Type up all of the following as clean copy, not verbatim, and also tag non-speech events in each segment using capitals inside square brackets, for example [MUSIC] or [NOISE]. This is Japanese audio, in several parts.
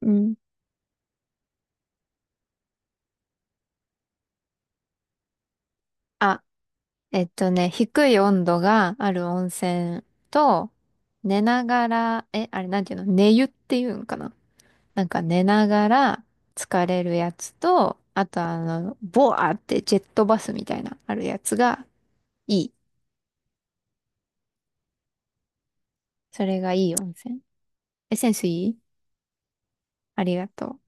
うん。あ、低い温度がある温泉と、寝ながら、あれなんていうの？寝湯っていうんかな？なんか寝ながら疲れるやつと、あとボアってジェットバスみたいなあるやつがいい。それがいい温泉。え、センスいい？ありがとう。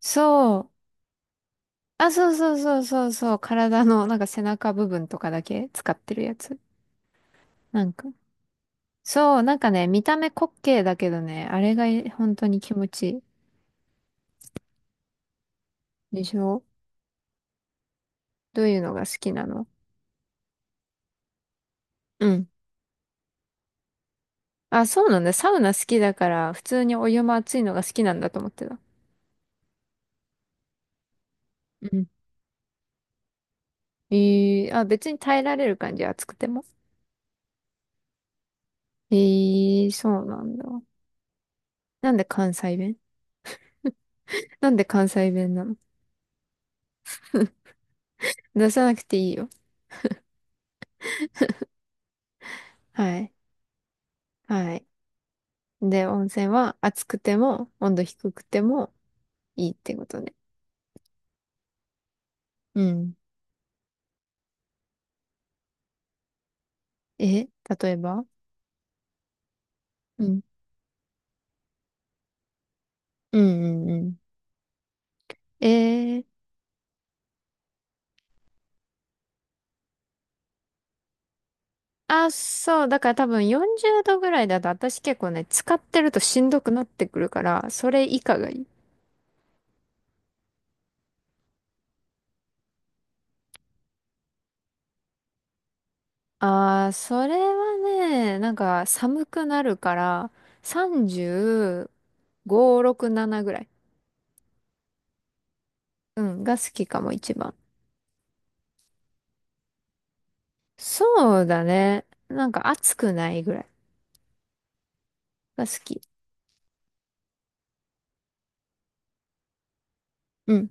そう。あ、そうそうそうそうそう。体のなんか背中部分とかだけ使ってるやつ。なんか、そう、なんかね、見た目滑稽だけどね、あれが本当に気持ちいい。でしょ？どういうのが好きなの？うん。あ、そうなんだ。サウナ好きだから、普通にお湯も熱いのが好きなんだと思ってた。うん。えー、あ、別に耐えられる感じ、熱くても。えー、そうなんだ。なんで関西弁？なんで関西弁なの？出さなくていいよ。はい。はい。で、温泉は熱くても、温度低くてもいいってことね。うん。え、例えば？うん。うんうんうん。ええ。あ、そう。だから多分40度ぐらいだと私結構ね、使ってるとしんどくなってくるから、それ以下がいい。ああ、それはね、なんか寒くなるから、35、6、7ぐらい。うん、が好きかも一番。そうだね。なんか暑くないぐらいが好き。うん、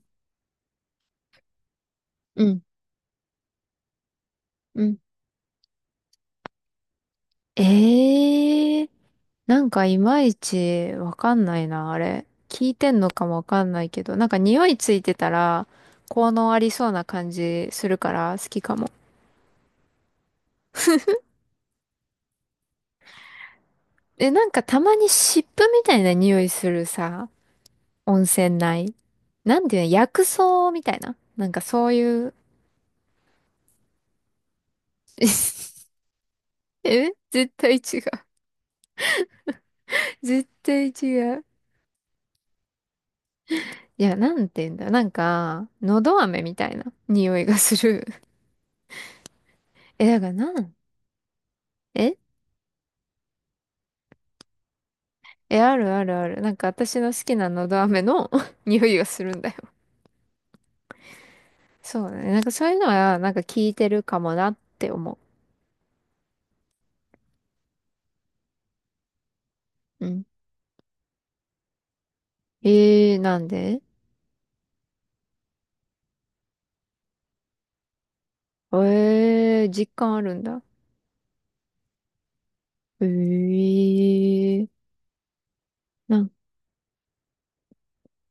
うん、うん。ええ。なんかいまいちわかんないな、あれ。聞いてんのかもわかんないけど、なんか匂いついてたら、効能ありそうな感じするから好きかも。え、なんかたまに湿布みたいな匂いするさ、温泉内。なんていうの、薬草みたいな。なんかそういう [LAUGHS] え、絶対違う。絶対違う。いや、なんていうんだ。なんか、のど飴みたいな匂いがする。[LAUGHS] え、だからええ、あるあるある。なんか私の好きなのど飴の [LAUGHS] 匂いがするんだよ。そうだね。なんかそういうのは、なんか聞いてるかもなって思う。うん。えー、なんで？えー、実感あるんだ。えー、なん、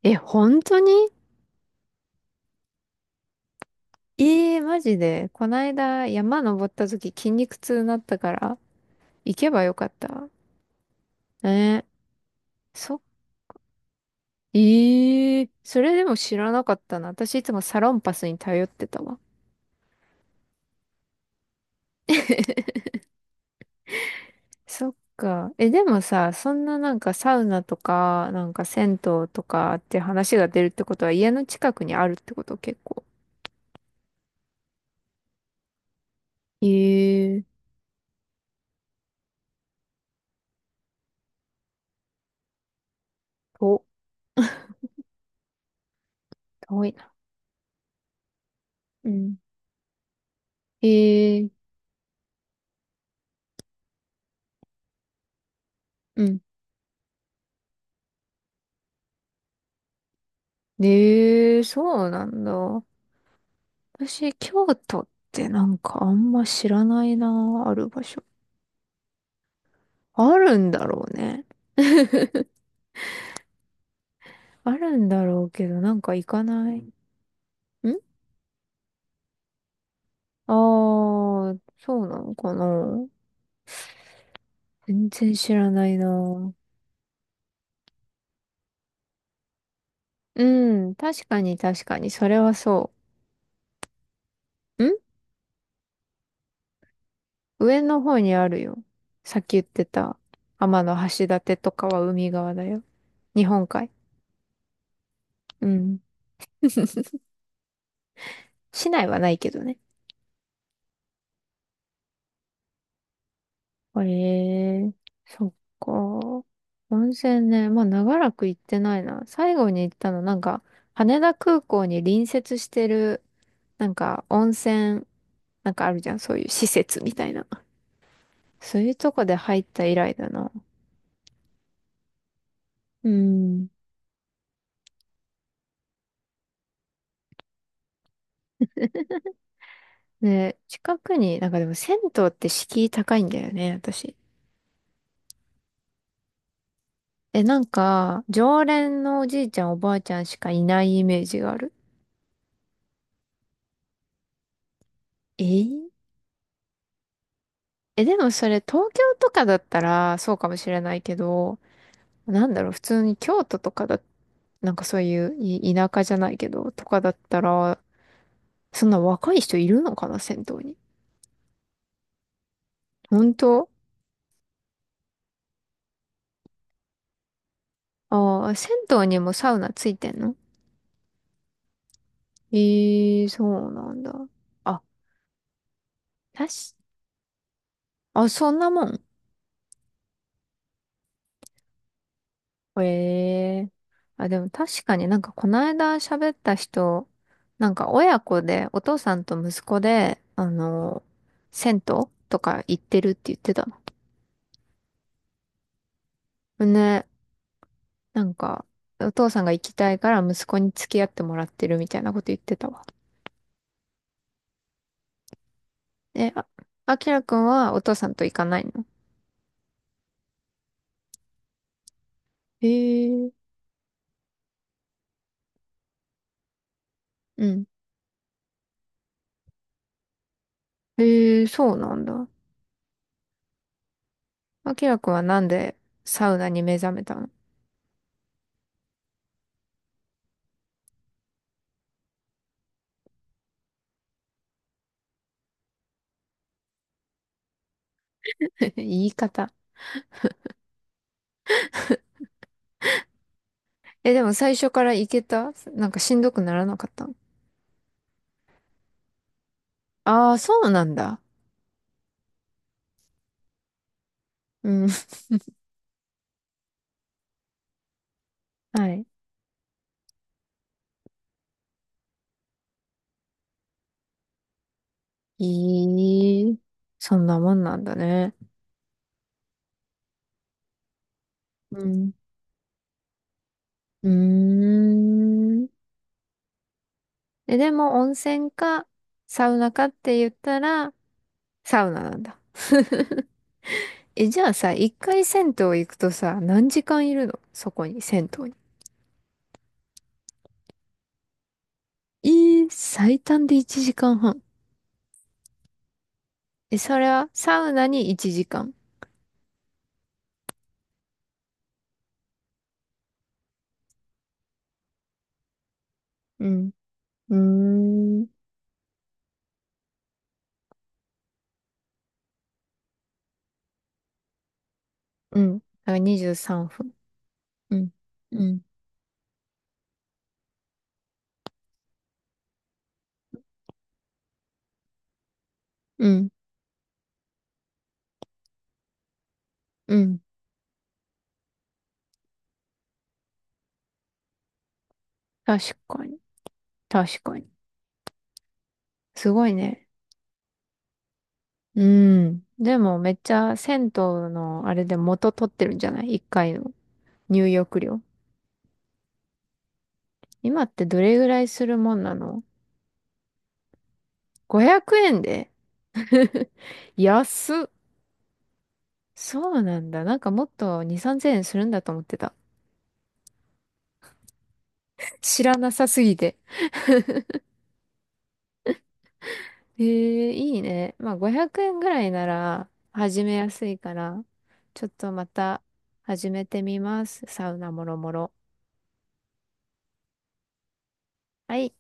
え、本当に？えー、マジで。こないだ山登った時筋肉痛になったから、行けばよかった。えー、そ、えそれでも知らなかったな。私いつもサロンパスに頼ってたわ。そっか。え、でもさ、そんななんかサウナとか、なんか銭湯とかって話が出るってことは家の近くにあるってこと結構。ええー、と、遠いな。うん。ええ。うん。ええ、そうなんだ。私、京都ってなんかあんま知らないな、ある場所。あるんだろうね。あるんだろうけど、なんか行かない。ん。ああー、そうなのかな。全然知らないな。うん、確かに確かに、それはそう。ん。上の方にあるよ。さっき言ってた、天橋立とかは海側だよ。日本海。うん。[LAUGHS] 市内はないけどね。へえ、そっか。温泉ね、まあ長らく行ってないな。最後に行ったの、なんか、羽田空港に隣接してる、なんか温泉、なんかあるじゃん、そういう施設みたいな。そういうとこで入った以来だな。うん。で、近くに、なんかでも銭湯って敷居高いんだよね、私。え、なんか、常連のおじいちゃんおばあちゃんしかいないイメージがある。えーえ、でもそれ東京とかだったらそうかもしれないけど、なんだろう、普通に京都とかだ、なんかそういう田舎じゃないけど、とかだったら、そんな若い人いるのかな、銭湯に。本当？ああー、銭湯にもサウナついてんの？ええー、そうなんだ。あ、たしあ、そんなもん。へえ。あ、でも確かになんかこの間喋った人、なんか親子で、お父さんと息子で、あの、銭湯とか行ってるって言ってたの。ね、なんか、お父さんが行きたいから息子に付き合ってもらってるみたいなこと言ってたわ。え、あ、あきらくんはお父さんと行かないの？へえ。うん。へえ、そうなんだ。あきらくんはなんでサウナに目覚めたの？ [LAUGHS] 言い方。え、でも最初から行けた？なんかしんどくならなかった？ああー、そうなんだ。うん。[LAUGHS] はい。いい。そんなもんなんだね。うん。うーん。え、でも温泉かサウナかって言ったらサウナなんだ。え、じゃあさ、一回銭湯行くとさ、何時間いるのそこに、銭湯に？えー、最短で1時間半。え、それはサウナに1時間。うん。うーん。うん。だから23分。うん、うん、うん、うん。確かに。確かに。すごいね。うん。でもめっちゃ銭湯のあれで元取ってるんじゃない？ 1 回の入浴料。今ってどれぐらいするもんなの？ 500 円で [LAUGHS] 安っ。そうなんだ。なんかもっと2、3000円するんだと思ってた。知らなさすぎて。ええ、いいね。まあ500円ぐらいなら始めやすいから、ちょっとまた始めてみます。サウナもろもろ。はい。